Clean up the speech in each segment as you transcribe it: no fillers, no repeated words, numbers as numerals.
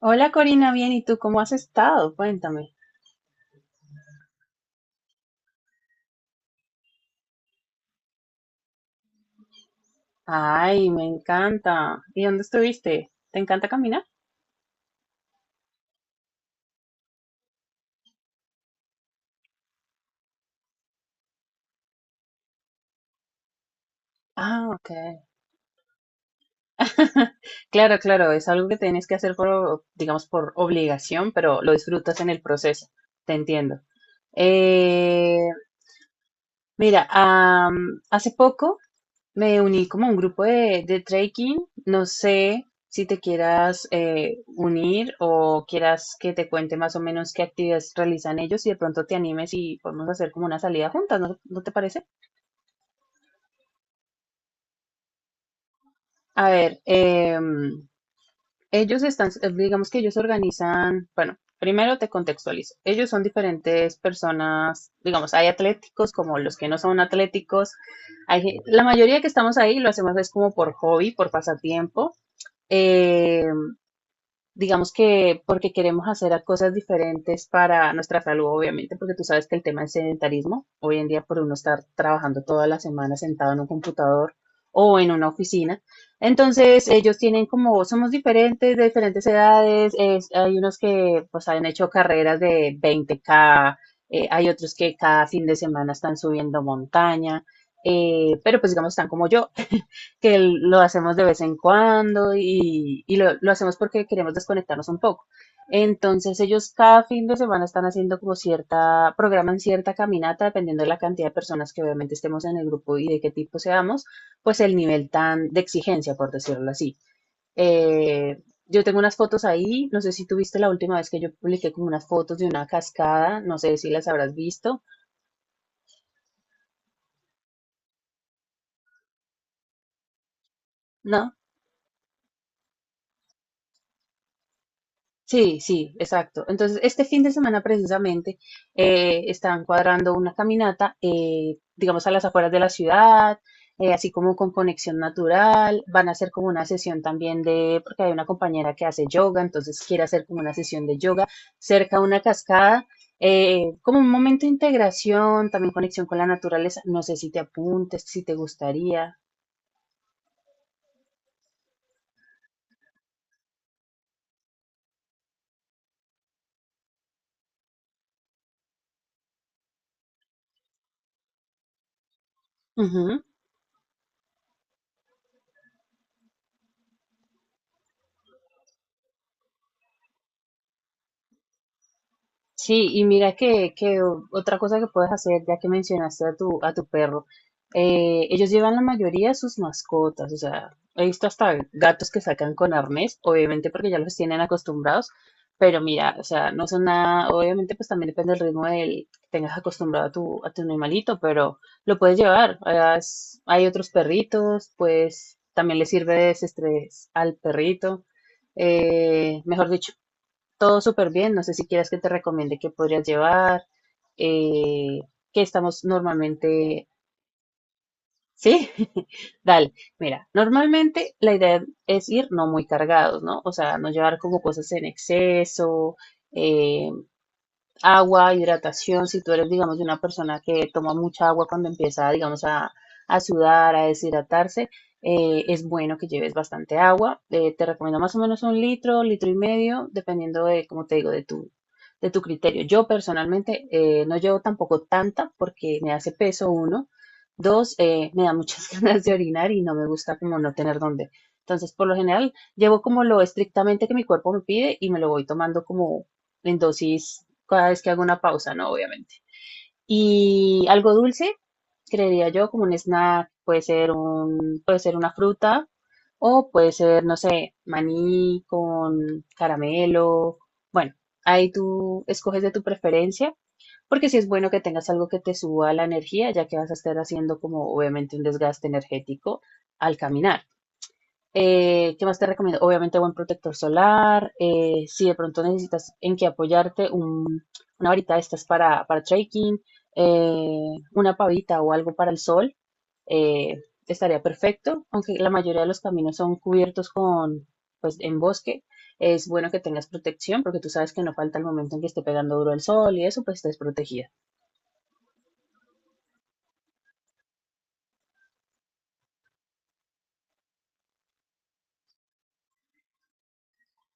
Hola Corina, bien, ¿y tú cómo has estado? Cuéntame. Ay, me encanta. ¿Y dónde estuviste? ¿Te encanta caminar? Ah, ok. Claro, claro, es algo que tienes que hacer por, digamos, por obligación, pero lo disfrutas en el proceso. Te entiendo. Eh, Hace poco me uní como a un grupo de trekking. No sé si te quieras unir o quieras que te cuente más o menos qué actividades realizan ellos y de pronto te animes y podemos hacer como una salida juntas, ¿no te parece? A ver, ellos están, digamos que ellos organizan, bueno, primero te contextualizo. Ellos son diferentes personas, digamos, hay atléticos como los que no son atléticos. La mayoría que estamos ahí lo hacemos es como por hobby, por pasatiempo. Em, digamos que porque queremos hacer a cosas diferentes para nuestra salud, obviamente, porque tú sabes que el tema del sedentarismo, hoy en día por uno estar trabajando toda la semana sentado en un computador o en una oficina, entonces ellos tienen como, somos diferentes, de diferentes edades, hay unos que pues han hecho carreras de 20K, hay otros que cada fin de semana están subiendo montaña, pero pues digamos están como yo, que lo hacemos de vez en cuando y lo hacemos porque queremos desconectarnos un poco. Entonces ellos cada fin de semana están haciendo programan cierta caminata dependiendo de la cantidad de personas que obviamente estemos en el grupo y de qué tipo seamos, pues el nivel tan de exigencia, por decirlo así. Yo tengo unas fotos ahí, no sé si tú viste la última vez que yo publiqué como unas fotos de una cascada, no sé si las habrás visto, ¿no? Sí, sí, exacto. Entonces, este fin de semana precisamente están cuadrando una caminata, digamos, a las afueras de la ciudad, así como con conexión natural. Van a hacer como una sesión también de, porque hay una compañera que hace yoga, entonces quiere hacer como una sesión de yoga cerca de una cascada, como un momento de integración, también conexión con la naturaleza. No sé si te apuntes, si te gustaría. Sí, y mira que otra cosa que puedes hacer, ya que mencionaste a a tu perro, ellos llevan la mayoría de sus mascotas, o sea, he visto hasta gatos que sacan con arnés, obviamente porque ya los tienen acostumbrados, pero mira, o sea, no son nada, obviamente pues también depende del ritmo del que tengas acostumbrado a a tu animalito, pero lo puedes llevar, hay otros perritos, pues también le sirve de desestrés al perrito, mejor dicho, todo súper bien. No sé si quieres que te recomiende qué podrías llevar, eh, qué estamos normalmente. Sí, dale. Mira, normalmente la idea es ir no muy cargados, ¿no? O sea, no llevar como cosas en exceso, eh, agua, hidratación, si tú eres, digamos, una persona que toma mucha agua cuando empieza, digamos, a sudar, a deshidratarse, es bueno que lleves bastante agua. Te recomiendo más o menos un litro, litro y medio, dependiendo de, como te digo, de de tu criterio. Yo personalmente no llevo tampoco tanta porque me hace peso uno. Dos, me da muchas ganas de orinar y no me gusta como no tener dónde. Entonces, por lo general, llevo como lo estrictamente que mi cuerpo me pide y me lo voy tomando como en dosis cada vez que hago una pausa, ¿no? Obviamente. Y algo dulce, creería yo, como un snack, puede ser puede ser una fruta o puede ser, no sé, maní con caramelo. Bueno, ahí tú escoges de tu preferencia, porque sí es bueno que tengas algo que te suba la energía, ya que vas a estar haciendo como obviamente un desgaste energético al caminar. ¿Qué más te recomiendo? Obviamente buen protector solar. Si de pronto necesitas en qué apoyarte, una varita de estas para trekking, una pavita o algo para el sol, eh, estaría perfecto. Aunque la mayoría de los caminos son cubiertos con, pues, en bosque, es bueno que tengas protección porque tú sabes que no falta el momento en que esté pegando duro el sol y eso, pues, estés protegida.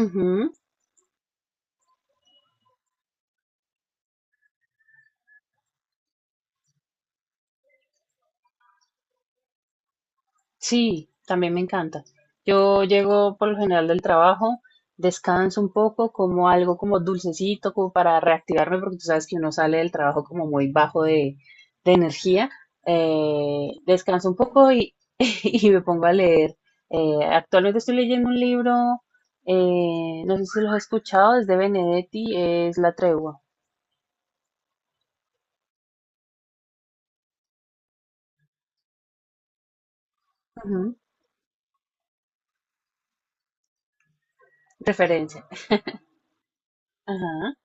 Ujú. Sí, también me encanta. Yo llego por lo general del trabajo, descanso un poco, como algo como dulcecito, como para reactivarme, porque tú sabes que uno sale del trabajo como muy bajo de energía. Descanso un poco y me pongo a leer. Actualmente estoy leyendo un libro, no sé si lo has escuchado, es de Benedetti, es La Tregua. Ujú, referencia. Ajá.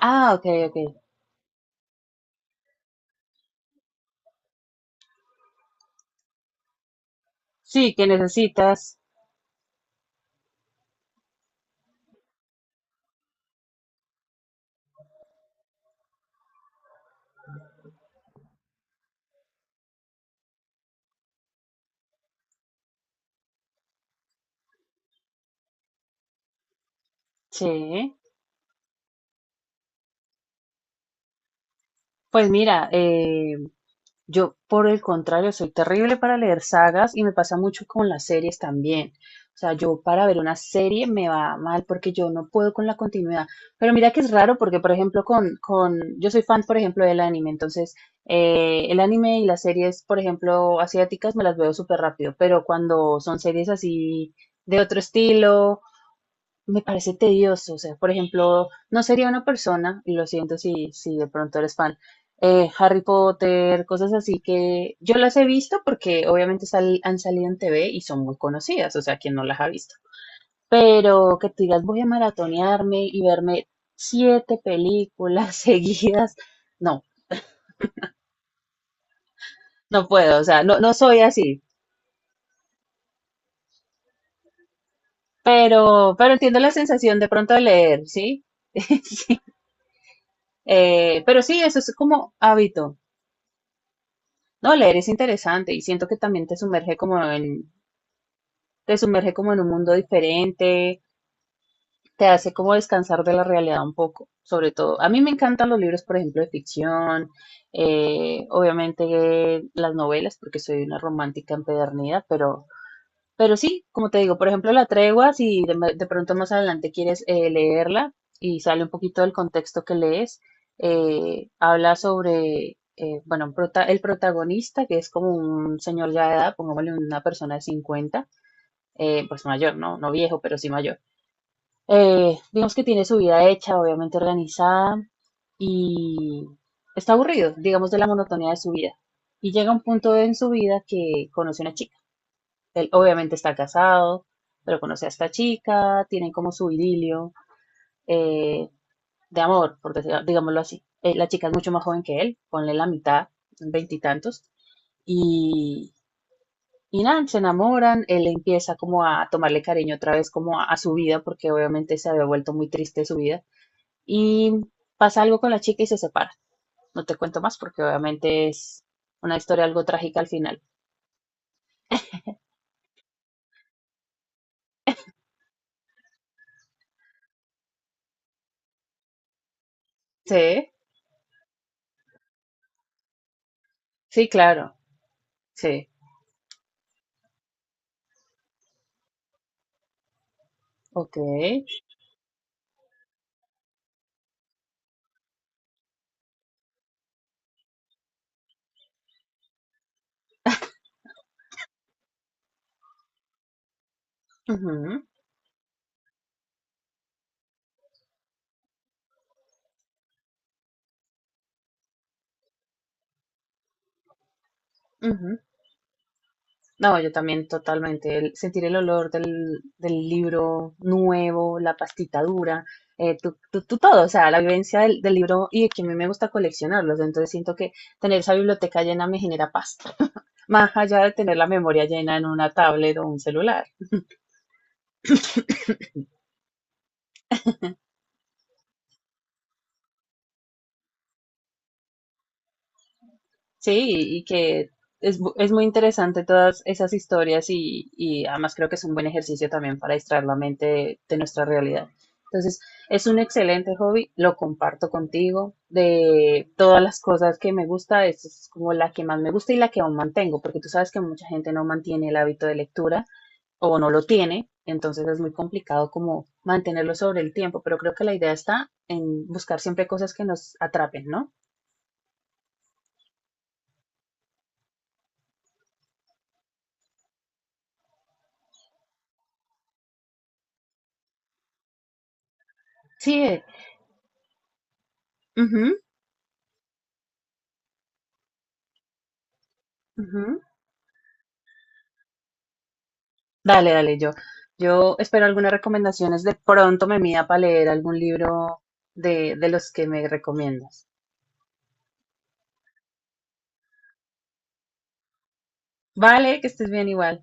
Ah, ok, ok. Sí, que necesitas. Sí. Pues mira, yo por el contrario soy terrible para leer sagas y me pasa mucho con las series también. O sea, yo para ver una serie me va mal porque yo no puedo con la continuidad. Pero mira que es raro porque, por ejemplo, yo soy fan, por ejemplo, del anime. Entonces, el anime y las series, por ejemplo, asiáticas me las veo súper rápido. Pero cuando son series así de otro estilo me parece tedioso, o sea, por ejemplo, no sería una persona, y lo siento si de pronto eres fan, Harry Potter, cosas así que yo las he visto porque obviamente han salido en TV y son muy conocidas, o sea, quien no las ha visto. Pero que tú digas, voy a maratonearme y verme siete películas seguidas, no, no puedo, o sea, no, no soy así. Pero entiendo la sensación de pronto de leer, ¿sí? Sí. Pero sí, eso es como hábito. No, leer es interesante y siento que también te sumerge como en un mundo diferente, te hace como descansar de la realidad un poco, sobre todo. A mí me encantan los libros, por ejemplo, de ficción, obviamente las novelas, porque soy una romántica empedernida, pero sí, como te digo, por ejemplo, la tregua, si de pronto más adelante quieres leerla y sale un poquito del contexto que lees, habla sobre, bueno, el protagonista, que es como un señor ya de edad, pongámosle una persona de 50, pues mayor, ¿no? No viejo, pero sí mayor. Digamos que tiene su vida hecha, obviamente organizada, y está aburrido, digamos, de la monotonía de su vida. Y llega un punto en su vida que conoce a una chica él obviamente está casado, pero conoce a esta chica, tienen como su idilio eh, de amor, digámoslo así. La chica es mucho más joven que él, ponle la mitad, veintitantos, y, y nada, se enamoran, él empieza como a tomarle cariño otra vez como a su vida, porque obviamente se había vuelto muy triste su vida, y pasa algo con la chica y se separan. No te cuento más porque obviamente es una historia algo trágica al final. Sí, sí, claro, sí, ok. Ujú, ujú. No, yo también totalmente. Sentir el olor del, del libro nuevo, la pastita dura, tú todo, o sea, la vivencia del, del libro y que a mí me gusta coleccionarlos, entonces siento que tener esa biblioteca llena me genera paz, más allá de tener la memoria llena en una tablet o un celular. Sí, y que es, es muy interesante todas esas historias y además creo que es un buen ejercicio también para distraer la mente de nuestra realidad. Entonces, es un excelente hobby, lo comparto contigo. De todas las cosas que me gusta, esta es como la que más me gusta y la que aún mantengo, porque tú sabes que mucha gente no mantiene el hábito de lectura o no lo tiene, entonces es muy complicado como mantenerlo sobre el tiempo, pero creo que la idea está en buscar siempre cosas que nos atrapen, ¿no? Sí, ujú, ujú. Dale, dale, yo espero algunas recomendaciones. De pronto me mida para leer algún libro de los que me recomiendas. Vale, que estés bien igual.